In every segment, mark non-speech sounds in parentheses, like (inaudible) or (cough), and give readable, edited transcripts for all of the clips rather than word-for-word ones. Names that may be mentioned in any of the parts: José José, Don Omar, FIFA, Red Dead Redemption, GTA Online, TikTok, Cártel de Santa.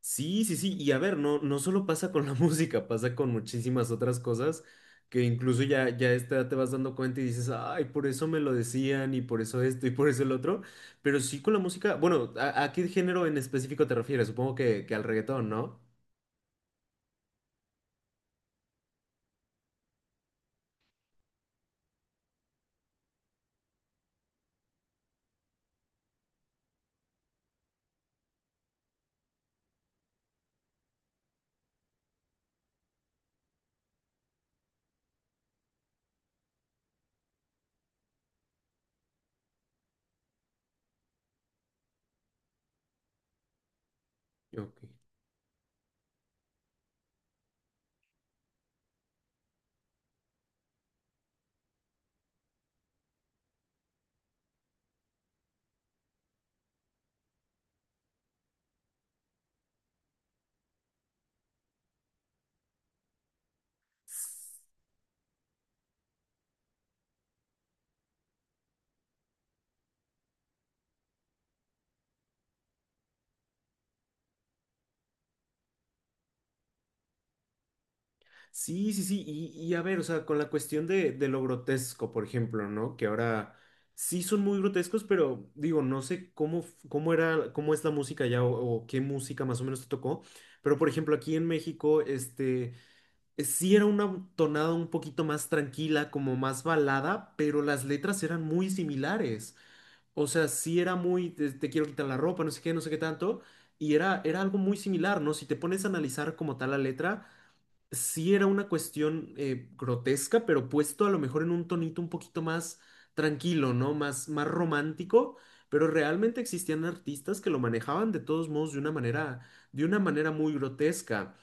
Sí, sí, sí. Y a ver, no solo pasa con la (laughs) música, pasa con muchísimas otras cosas que incluso ya a esta edad te vas dando cuenta y dices, ay, por eso me lo decían y por eso esto y por eso el otro. Pero sí con la música, bueno, ¿a qué género en específico te refieres? Supongo que al reggaetón, ¿no? Ok. Sí, sí, sí, y a ver, o sea, con la cuestión de lo grotesco, por ejemplo, ¿no? Que ahora sí son muy grotescos, pero digo, no sé cómo, cómo era, cómo es la música ya o qué música más o menos te tocó, pero por ejemplo, aquí en México, sí era una tonada un poquito más tranquila, como más balada, pero las letras eran muy similares. O sea, sí era muy, te quiero quitar la ropa, no sé qué, no sé qué tanto, y era algo muy similar, ¿no? Si te pones a analizar como tal la letra sí era una cuestión grotesca, pero puesto a lo mejor en un tonito un poquito más tranquilo, ¿no? Más, más romántico, pero realmente existían artistas que lo manejaban de todos modos de una manera muy grotesca.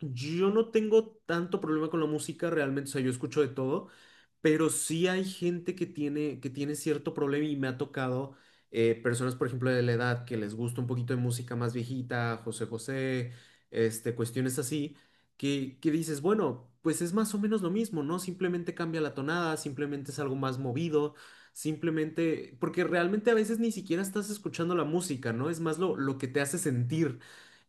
Yo no tengo tanto problema con la música realmente, o sea, yo escucho de todo, pero sí hay gente que tiene cierto problema y me ha tocado personas, por ejemplo, de la edad que les gusta un poquito de música más viejita, José José, este, cuestiones así, que dices, bueno, pues es más o menos lo mismo, ¿no? Simplemente cambia la tonada, simplemente es algo más movido, simplemente, porque realmente a veces ni siquiera estás escuchando la música, ¿no? Es más lo que te hace sentir.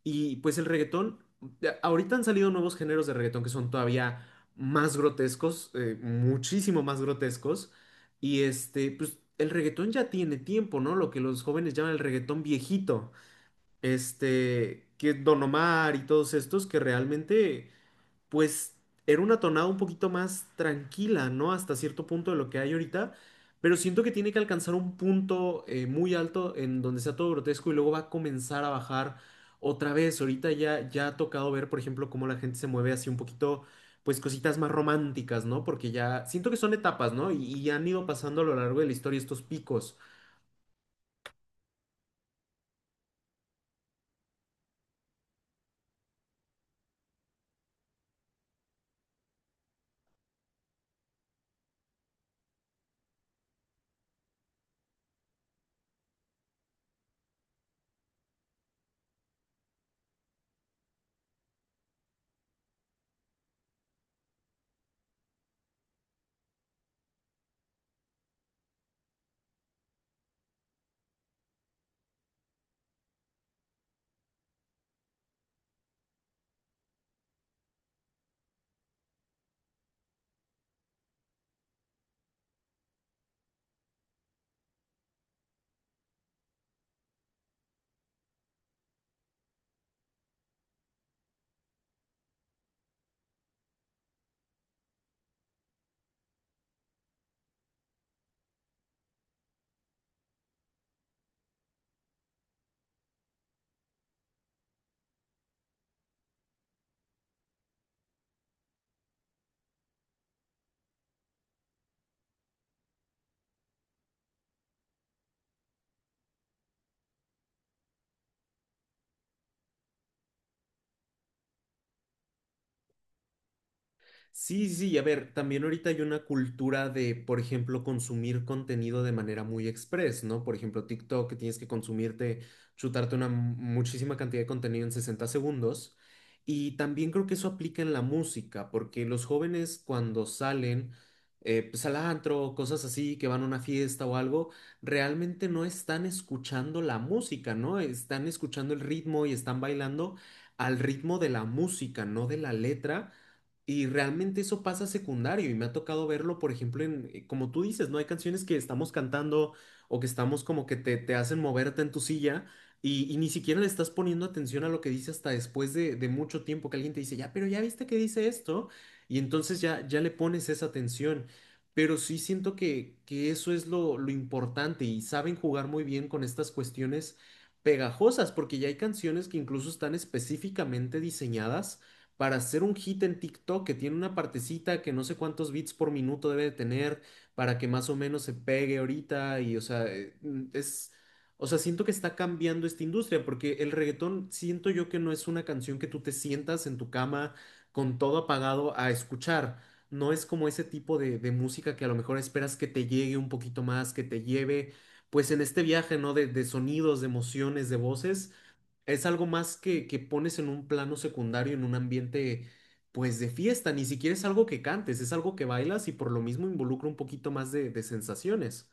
Y pues el reggaetón. Ya, ahorita han salido nuevos géneros de reggaetón que son todavía más grotescos, muchísimo más grotescos. Y este, pues el reggaetón ya tiene tiempo, ¿no? Lo que los jóvenes llaman el reggaetón viejito. Este, que Don Omar y todos estos que realmente pues era una tonada un poquito más tranquila, ¿no? Hasta cierto punto de lo que hay ahorita, pero siento que tiene que alcanzar un punto muy alto en donde sea todo grotesco y luego va a comenzar a bajar otra vez. Ahorita ya ha tocado ver, por ejemplo, cómo la gente se mueve así un poquito, pues cositas más románticas, ¿no? Porque ya siento que son etapas, ¿no? Y han ido pasando a lo largo de la historia estos picos. Sí, sí, sí, a ver, también ahorita hay una cultura de, por ejemplo, consumir contenido de manera muy express, ¿no? Por ejemplo, TikTok, que tienes que consumirte, chutarte una muchísima cantidad de contenido en 60 segundos. Y también creo que eso aplica en la música, porque los jóvenes cuando salen, pues al antro, cosas así, que van a una fiesta o algo, realmente no están escuchando la música, ¿no? Están escuchando el ritmo y están bailando al ritmo de la música, no de la letra. Y realmente eso pasa secundario y me ha tocado verlo, por ejemplo, como tú dices, ¿no? Hay canciones que estamos cantando o que estamos como que te hacen moverte en tu silla y ni siquiera le estás poniendo atención a lo que dice hasta después de mucho tiempo que alguien te dice, ya, pero ya viste que dice esto y entonces ya le pones esa atención. Pero sí siento que eso es lo importante y saben jugar muy bien con estas cuestiones pegajosas porque ya hay canciones que incluso están específicamente diseñadas para hacer un hit en TikTok que tiene una partecita que no sé cuántos bits por minuto debe de tener para que más o menos se pegue ahorita y o sea, es o sea, siento que está cambiando esta industria porque el reggaetón siento yo que no es una canción que tú te sientas en tu cama con todo apagado a escuchar. No es como ese tipo de música que a lo mejor esperas que te llegue un poquito más, que te lleve, pues en este viaje, ¿no? De sonidos, de emociones, de voces. Es algo más que pones en un plano secundario, en un ambiente, pues, de fiesta. Ni siquiera es algo que cantes, es algo que bailas y por lo mismo involucra un poquito más de sensaciones.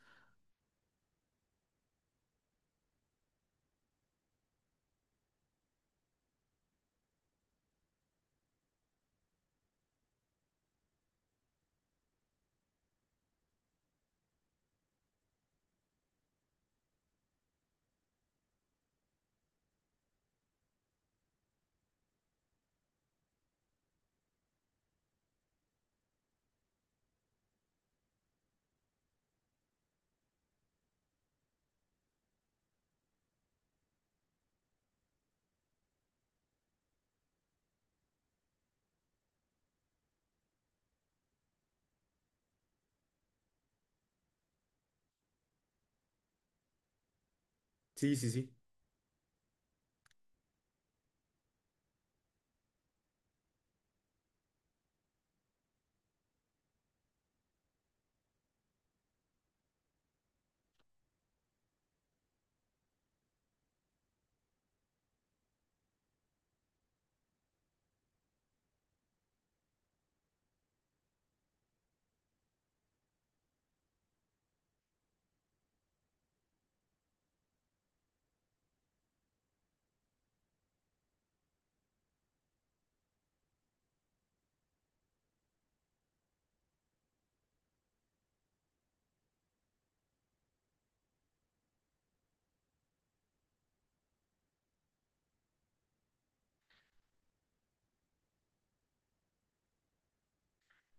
Sí, sí, sí.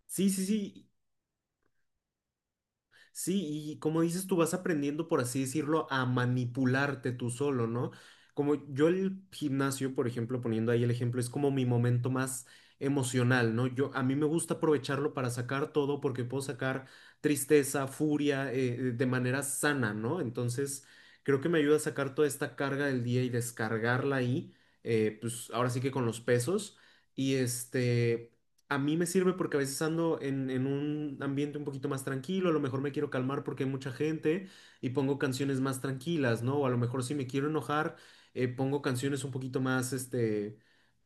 Sí, sí, sí. Sí, y como dices, tú vas aprendiendo, por así decirlo, a manipularte tú solo, ¿no? Como yo el gimnasio, por ejemplo, poniendo ahí el ejemplo, es como mi momento más emocional, ¿no? Yo, a mí me gusta aprovecharlo para sacar todo porque puedo sacar tristeza, furia, de manera sana, ¿no? Entonces, creo que me ayuda a sacar toda esta carga del día y descargarla ahí, pues ahora sí que con los pesos. Y este, a mí me sirve porque a veces ando en un ambiente un poquito más tranquilo, a lo mejor me quiero calmar porque hay mucha gente y pongo canciones más tranquilas, ¿no? O a lo mejor si me quiero enojar, pongo canciones un poquito más,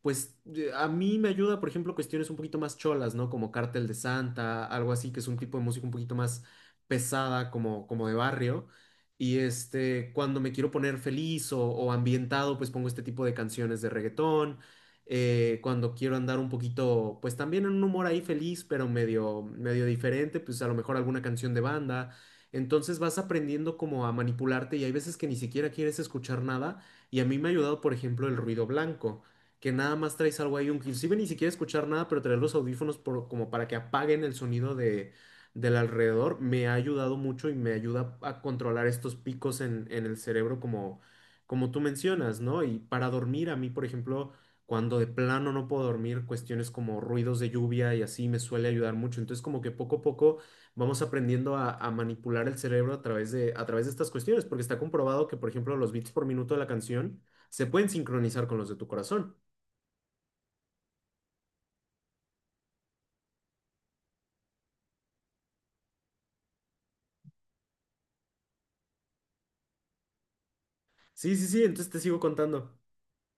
pues a mí me ayuda, por ejemplo, cuestiones un poquito más cholas, ¿no? Como Cártel de Santa, algo así, que es un tipo de música un poquito más pesada, como, como de barrio. Y este, cuando me quiero poner feliz o ambientado, pues pongo este tipo de canciones de reggaetón cuando quiero andar un poquito, pues también en un humor ahí feliz, pero medio, medio diferente, pues a lo mejor alguna canción de banda. Entonces vas aprendiendo como a manipularte y hay veces que ni siquiera quieres escuchar nada y a mí me ha ayudado, por ejemplo, el ruido blanco, que nada más traes algo ahí, inclusive ni siquiera escuchar nada, pero traer los audífonos como para que apaguen el sonido de, del alrededor, me ha ayudado mucho y me ayuda a controlar estos picos en el cerebro como, como tú mencionas, ¿no? Y para dormir, a mí, por ejemplo, cuando de plano no puedo dormir, cuestiones como ruidos de lluvia y así me suele ayudar mucho. Entonces, como que poco a poco vamos aprendiendo a manipular el cerebro a través de estas cuestiones, porque está comprobado que, por ejemplo, los beats por minuto de la canción se pueden sincronizar con los de tu corazón. Sí, sí, sí, entonces te sigo contando.